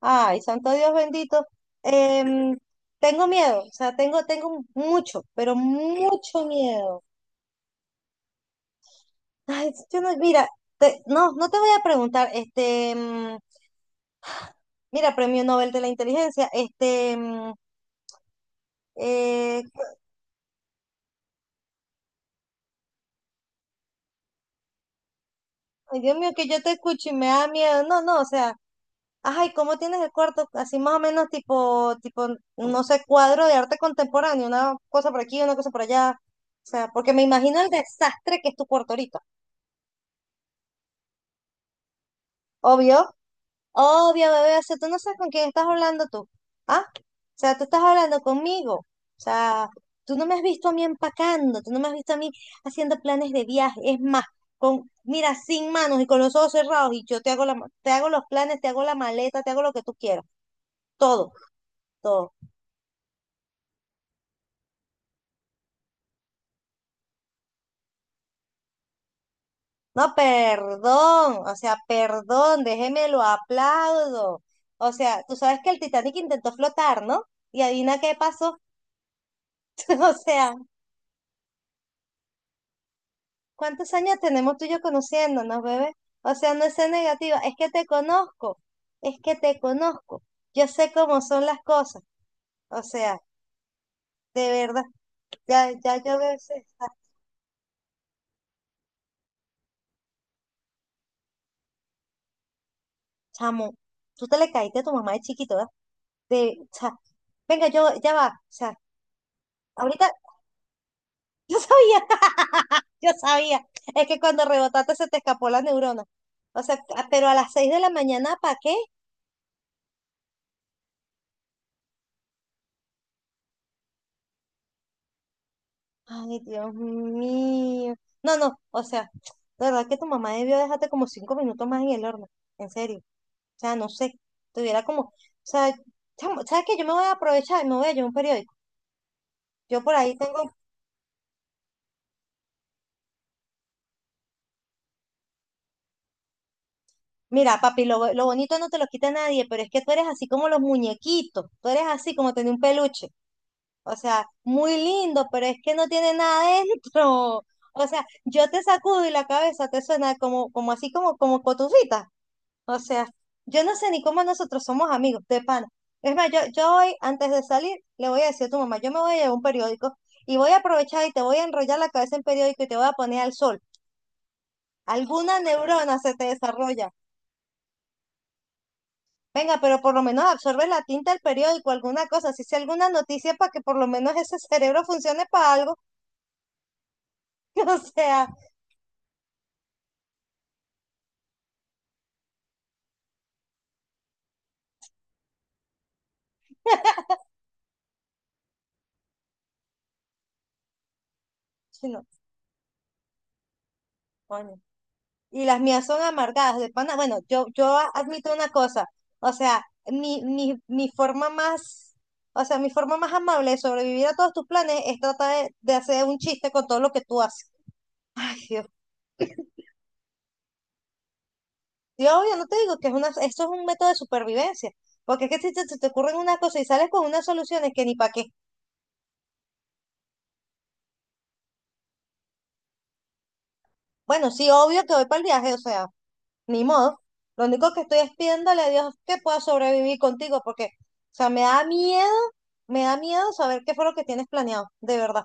Ay, santo Dios bendito. Em, tengo miedo, o sea, tengo mucho, pero mucho miedo. Ay, sí, yo no, mira, no, no te voy a preguntar, este, mira, premio Nobel de la inteligencia, este, eh, ay, Dios mío, que yo te escucho y me da miedo. No, no, o sea, ay, ¿cómo tienes el cuarto? Así más o menos tipo, tipo, no sé, cuadro de arte contemporáneo, una cosa por aquí, una cosa por allá. O sea, porque me imagino el desastre que es tu cuarto ahorita. Obvio, obvio, bebé. O sea, tú no sabes con quién estás hablando tú. ¿Ah? O sea, tú estás hablando conmigo. O sea, tú no me has visto a mí empacando, tú no me has visto a mí haciendo planes de viaje. Es más, con, mira, sin manos y con los ojos cerrados, y yo te hago la, te hago los planes, te hago la maleta, te hago lo que tú quieras. Todo, todo. No, perdón. O sea, perdón, déjeme lo aplaudo. O sea, tú sabes que el Titanic intentó flotar, ¿no? Y adivina qué pasó. O sea. ¿Cuántos años tenemos tú y yo conociéndonos, bebé? O sea, no es ser negativa, es que te conozco, es que te conozco. Yo sé cómo son las cosas. O sea, de verdad, ya, ya yo veo chamo. Tú te le caíste a tu mamá de chiquito, ¿verdad? De, o sea, venga, yo, ya va. O sea, ahorita, yo sabía, yo sabía. Es que cuando rebotaste se te escapó la neurona. O sea, pero a las 6 de la mañana, ¿para qué? Ay, Dios mío. No, no, o sea, de verdad que tu mamá debió dejarte como 5 minutos más en el horno, en serio. O sea, no sé, tuviera como, o sea, chamo, ¿sabes qué? Yo me voy a aprovechar y me voy a llevar un periódico. Yo por ahí tengo, mira, papi, lo, lo bonito no te lo quita nadie, pero es que tú eres así como los muñequitos, tú eres así como tener un peluche. O sea, muy lindo, pero es que no tiene nada dentro. O sea, yo te sacudo y la cabeza te suena como así como cotufita. O sea, yo no sé ni cómo nosotros somos amigos, de pana. Es más, yo hoy, antes de salir, le voy a decir a tu mamá, yo me voy a llevar un periódico y voy a aprovechar y te voy a enrollar la cabeza en periódico y te voy a poner al sol. Alguna neurona se te desarrolla. Venga, pero por lo menos absorbe la tinta del periódico, alguna cosa, si sea alguna noticia para que por lo menos ese cerebro funcione para algo. O sea, sí, no, coño. Y las mías son amargadas, de pana. Bueno, yo admito una cosa, o sea, mi forma más, o sea, mi forma más amable de sobrevivir a todos tus planes es tratar de hacer un chiste con todo lo que tú haces. Ay, Dios. Yo no te digo que es una, esto es un método de supervivencia, porque es que si se te ocurren unas cosas y sales con unas soluciones que ni para qué. Bueno, sí, obvio que voy para el viaje, o sea. Ni modo. Lo único que estoy es pidiéndole a Dios que pueda sobrevivir contigo, porque, o sea, me da miedo saber qué fue lo que tienes planeado, de verdad.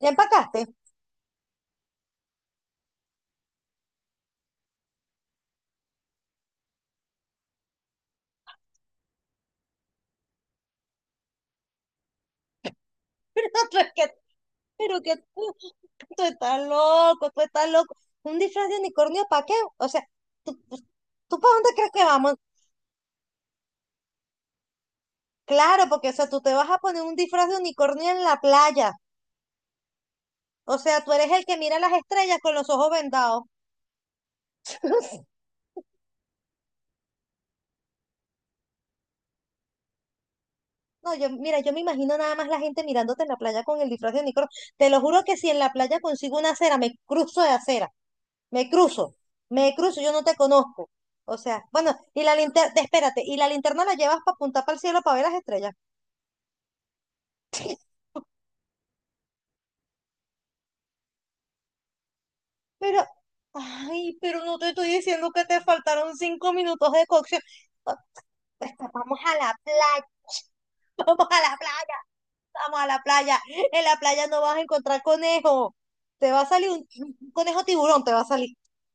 Ya empacaste. Pero tú es que, pero que tú estás loco, tú estás loco. Un disfraz de unicornio, ¿para qué? O sea, ¿tú, tú para dónde crees que vamos? Claro, porque, o sea, tú te vas a poner un disfraz de unicornio en la playa. O sea, tú eres el que mira las estrellas con los ojos vendados. No, yo, mira, yo me imagino nada más la gente mirándote en la playa con el disfraz de Nicolo. Te lo juro que si en la playa consigo una acera, me cruzo de acera, me cruzo, me cruzo, yo no te conozco. O sea, bueno, y la linterna, espérate, y la linterna la llevas para apuntar para el cielo para ver las estrellas. Pero, ay, pero no te estoy diciendo que te faltaron 5 minutos de cocción. Ah, pues, vamos a la playa, vamos a la playa, vamos a la playa. En la playa no vas a encontrar conejo. Te va a salir un, conejo tiburón, te va a salir.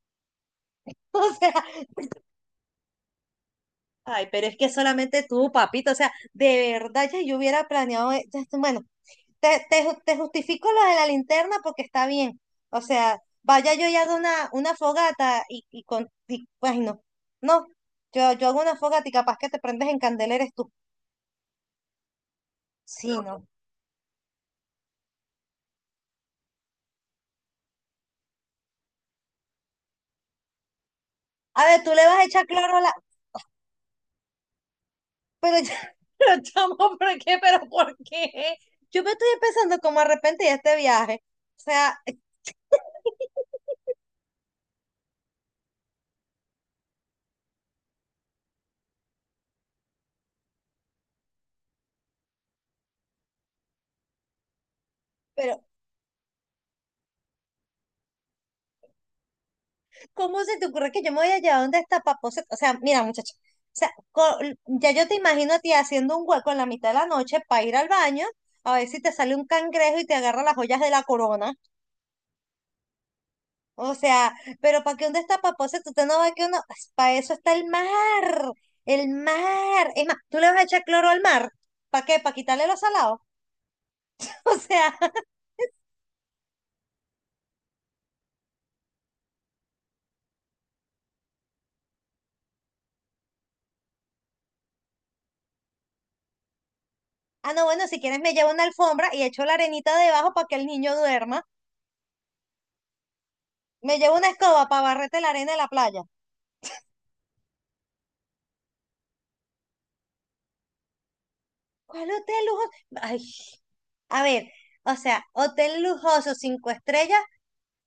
O sea, ay, pero es que solamente tú, papito, o sea, de verdad ya yo hubiera planeado, ya bueno, te justifico lo de la linterna porque está bien, o sea, vaya yo y hago una fogata y con, y, ay, no, no, yo hago una fogata y capaz que te prendes en candela eres tú, sí, no. A ver, tú le vas a echar cloro a la, pero ya, pero chamo, ¿por qué? ¿Pero por qué? Yo me estoy empezando como a arrepentir de este viaje, o sea. ¿Cómo se te ocurre que yo me voy a llevar donde está Papoceta? O sea, mira, muchacha. O sea, ya yo te imagino a ti haciendo un hueco en la mitad de la noche para ir al baño, a ver si te sale un cangrejo y te agarra las joyas de la corona. O sea, pero ¿para qué dónde está Papoceta? Usted no va que uno. Pues, para eso está el mar. El mar. Es más, tú le vas a echar cloro al mar. ¿Para qué? ¿Para quitarle los salados? O sea, ah, no, bueno, si quieres me llevo una alfombra y echo la arenita debajo para que el niño duerma. Me llevo una escoba para barrete la arena de la playa. ¿Cuál hotel lujoso? Ay, a ver, o sea, hotel lujoso, 5 estrellas,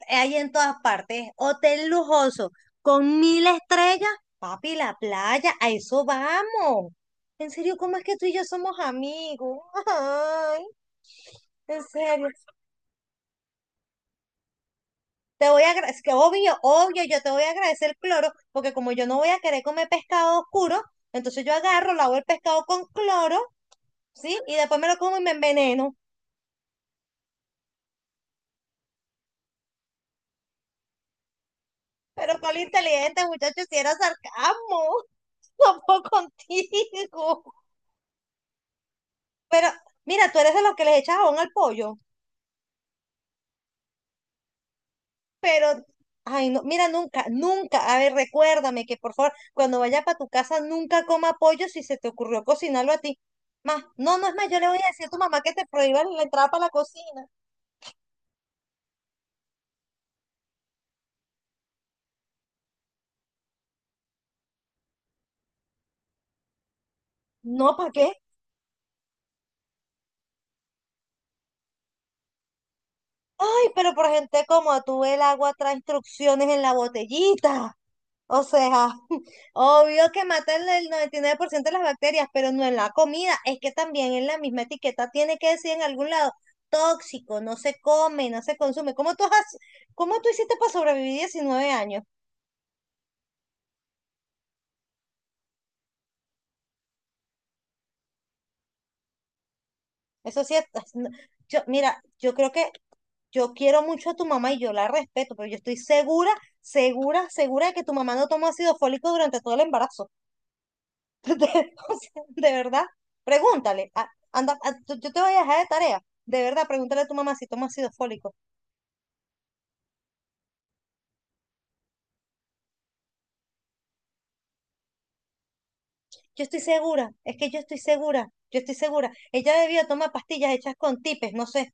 hay en todas partes. Hotel lujoso, con mil estrellas, papi, la playa, a eso vamos. En serio, ¿cómo es que tú y yo somos amigos? Ay, en serio. Te voy a agradecer, que obvio, obvio, yo te voy a agradecer el cloro, porque como yo no voy a querer comer pescado oscuro, entonces yo agarro, lavo el pescado con cloro, ¿sí? Y después me lo como y me enveneno. Pero cuál inteligente, muchacho, si era sarcasmo. Tampoco contigo. Pero mira, tú eres de los que les echas jabón al pollo, pero, ay, no, mira, nunca, nunca, a ver, recuérdame que por favor, cuando vaya para tu casa, nunca coma pollo si se te ocurrió cocinarlo a ti. Más, no, no es más, yo le voy a decir a tu mamá que te prohíba la entrada para la cocina. No, ¿para qué? Ay, pero por gente como tú, el agua trae instrucciones en la botellita. O sea, obvio que matan el 99% de las bacterias, pero no en la comida. Es que también en la misma etiqueta tiene que decir en algún lado, tóxico, no se come, no se consume. ¿Cómo tú has, cómo tú hiciste para sobrevivir 19 años? Eso sí, yo, mira, yo creo que yo quiero mucho a tu mamá y yo la respeto, pero yo estoy segura, segura, segura de que tu mamá no tomó ácido fólico durante todo el embarazo. De, o sea, de verdad, pregúntale. Anda, yo te voy a dejar de tarea. De verdad, pregúntale a tu mamá si toma ácido fólico. Yo estoy segura, es que yo estoy segura, yo estoy segura. Ella debió tomar pastillas hechas con tipes, no sé,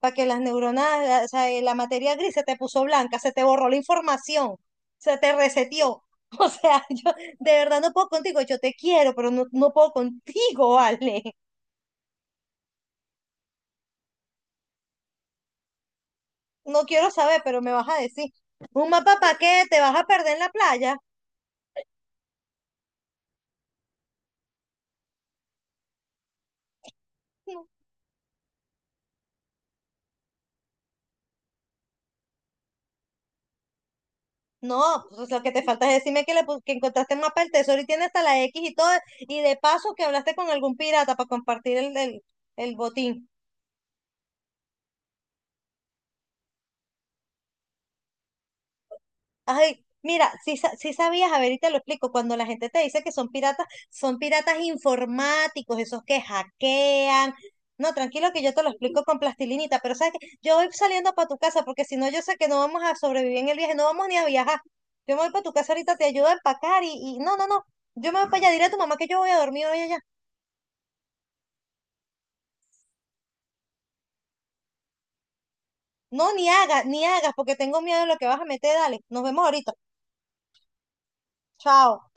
para que las neuronas, o sea, la materia gris se te puso blanca, se te borró la información, se te reseteó. O sea, yo de verdad no puedo contigo, yo te quiero, pero no, no puedo contigo. Vale. No quiero saber, pero me vas a decir, ¿un mapa para qué? ¿Te vas a perder en la playa? No, no, pues lo que te falta es decirme que, que encontraste el mapa del tesoro y tiene hasta la X y todo, y de paso que hablaste con algún pirata para compartir el botín. Ay, mira, si sabías, a ver, y te lo explico, cuando la gente te dice que son piratas informáticos, esos que hackean. No, tranquilo que yo te lo explico con plastilinita, pero sabes que yo voy saliendo para tu casa porque si no yo sé que no vamos a sobrevivir en el viaje, no vamos ni a viajar. Yo me voy para tu casa ahorita, te ayudo a empacar y no, no, no, yo me voy para allá, dile a tu mamá que yo voy a dormir hoy allá. No, ni hagas, ni hagas, porque tengo miedo de lo que vas a meter. Dale, nos vemos ahorita. Chao.